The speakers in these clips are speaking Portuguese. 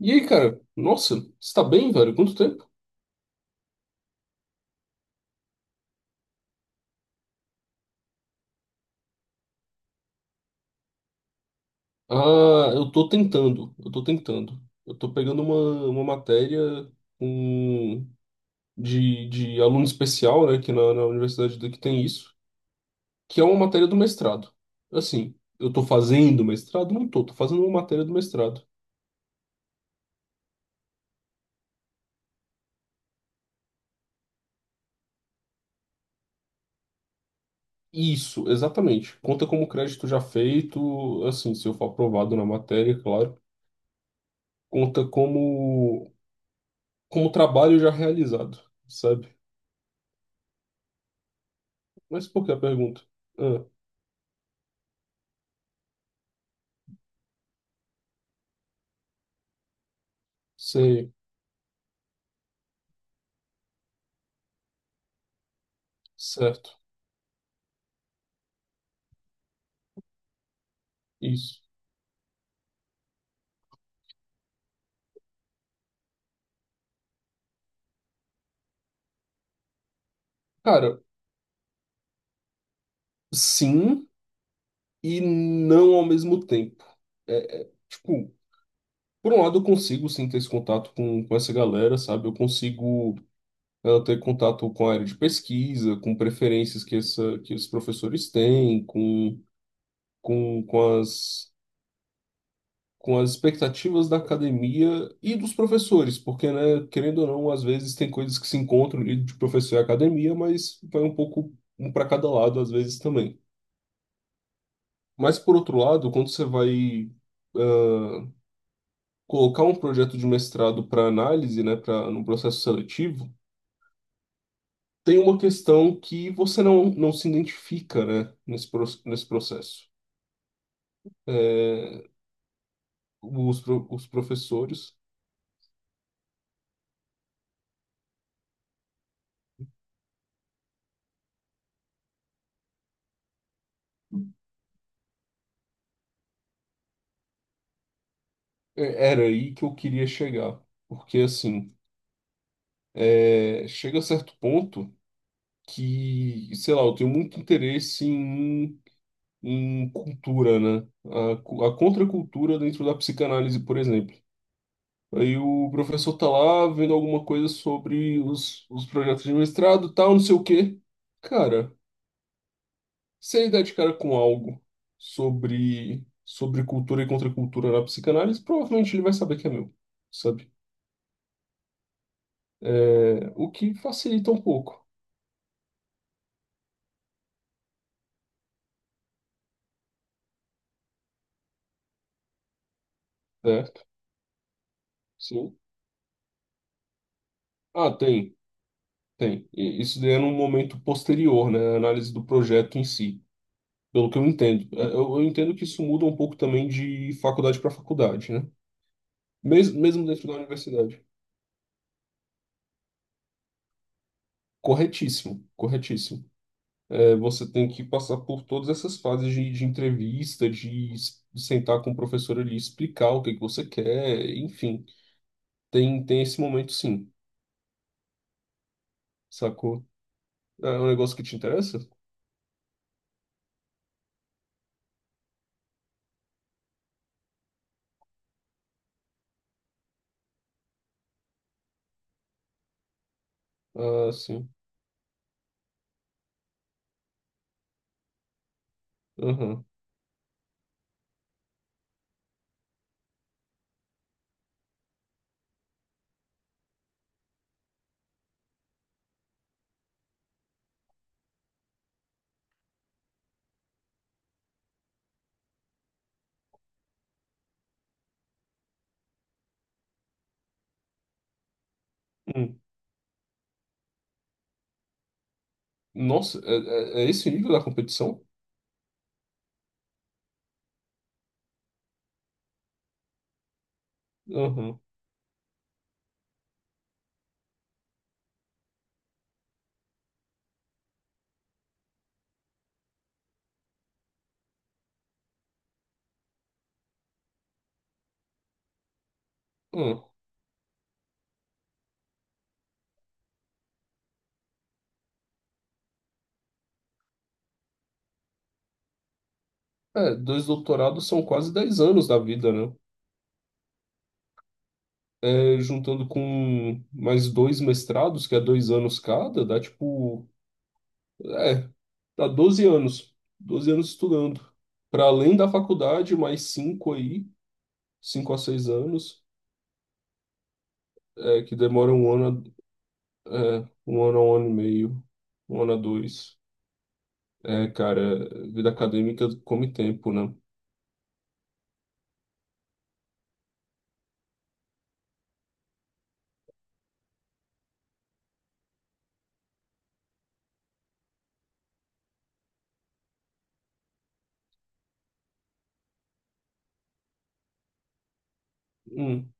E aí, cara? Nossa, você tá bem, velho? Quanto tempo? Ah, eu tô tentando, eu tô tentando. Eu tô pegando uma matéria um, de aluno especial, né, que na universidade daqui tem isso, que é uma matéria do mestrado. Assim, eu tô fazendo mestrado? Não tô, tô fazendo uma matéria do mestrado. Isso, exatamente. Conta como crédito já feito, assim, se eu for aprovado na matéria, claro. Conta como trabalho já realizado, sabe? Mas por que a pergunta? Ah, sei, certo. Isso. Cara, sim e não ao mesmo tempo. É, tipo, por um lado eu consigo sim ter esse contato com essa galera, sabe? Eu consigo ter contato com a área de pesquisa, com preferências que os professores têm, com, com as, com as expectativas da academia e dos professores, porque, né, querendo ou não, às vezes tem coisas que se encontram ali de professor e academia, mas vai um pouco um para cada lado às vezes também. Mas, por outro lado, quando você vai eh, colocar um projeto de mestrado para análise, né, para no processo seletivo, tem uma questão que você não se identifica, né, nesse processo. Os professores, era aí que eu queria chegar, porque assim, chega a certo ponto que, sei lá, eu tenho muito interesse em cultura, né, a contracultura dentro da psicanálise, por exemplo. Aí o professor tá lá vendo alguma coisa sobre os projetos de mestrado, tal, não sei o quê. Cara, você dá de cara com algo sobre cultura e contracultura na psicanálise, provavelmente ele vai saber que é meu, sabe? É, o que facilita um pouco, certo? Sim. Ah, tem. E isso daí é num momento posterior, né? A análise do projeto em si, pelo que eu entendo. É, eu entendo que isso muda um pouco também de faculdade para faculdade, né? Mesmo, mesmo dentro da universidade. Corretíssimo, corretíssimo. É, você tem que passar por todas essas fases de entrevista, de sentar com o professor ali, explicar o que que você quer, enfim. Tem esse momento, sim, sacou? É um negócio que te interessa? Ah, sim. Aham. Hum. Nossa, é esse o nível da competição? Aham. Hum. É, dois doutorados são quase 10 anos da vida, né? É, juntando com mais dois mestrados, que é 2 anos cada, dá tipo. É, tá 12 anos. 12 anos estudando. Para além da faculdade, mais 5 aí, 5 a 6 anos, que demora um ano, um ano a um ano e meio, um ano a dois. É, cara, vida acadêmica come tempo, né? Hum,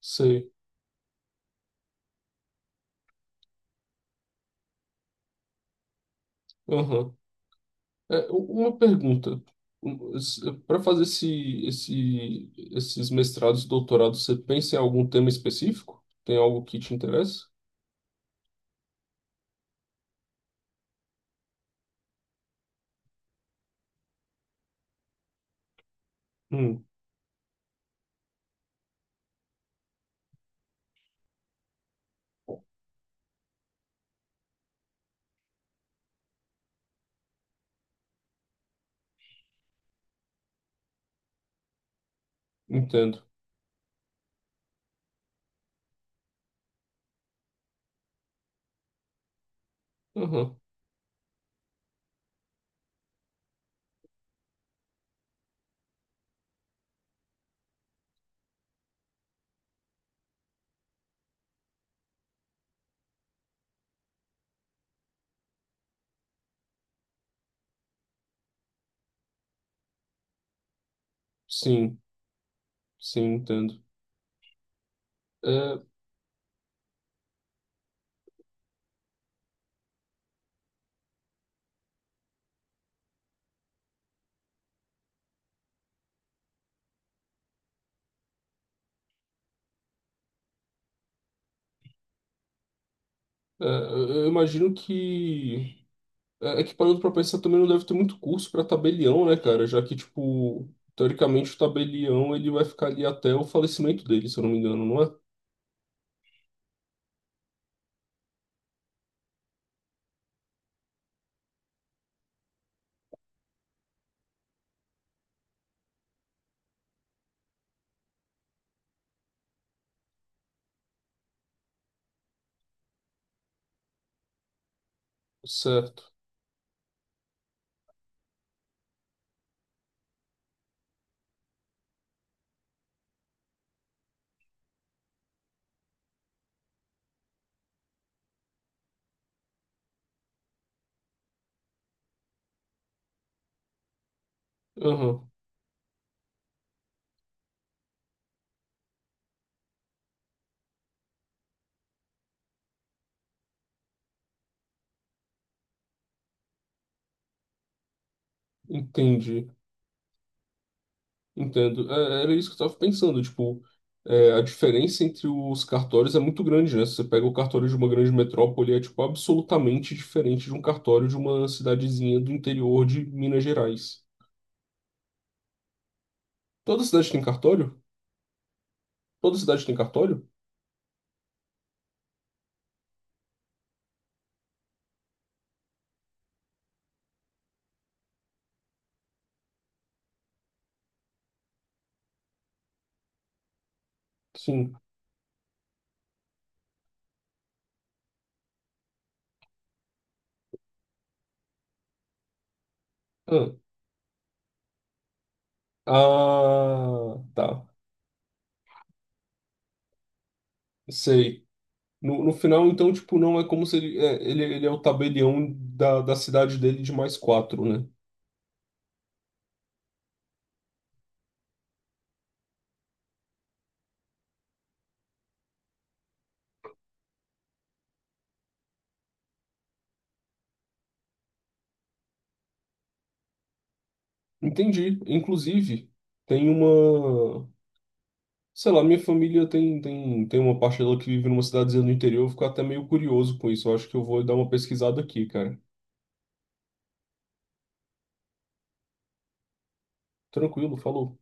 sei. Aham. É, uma pergunta. Para fazer esses mestrados e doutorados, você pensa em algum tema específico? Tem algo que te interessa? Hum, entendo. Aham. Sim. Sim, entendo. É, é, eu imagino que. É que parando pra pensar também não deve ter muito curso pra tabelião, né, cara? Já que, tipo, teoricamente o tabelião ele vai ficar ali até o falecimento dele, se eu não me engano, não é? Certo. Aham, entendi. Entendo. É, era isso que eu tava pensando, tipo, a diferença entre os cartórios é muito grande, né? Se você pega o cartório de uma grande metrópole, tipo, absolutamente diferente de um cartório de uma cidadezinha do interior de Minas Gerais. Toda cidade tem cartório? Toda cidade tem cartório? Sim. Ah, Ah, tá. Sei. No final, então, tipo, não é como se ele é o tabelião da cidade dele de mais quatro, né? Entendi. Inclusive, tem uma. Sei lá, minha família tem uma parte dela que vive numa cidadezinha do interior. Eu fico até meio curioso com isso. Eu acho que eu vou dar uma pesquisada aqui, cara. Tranquilo, falou.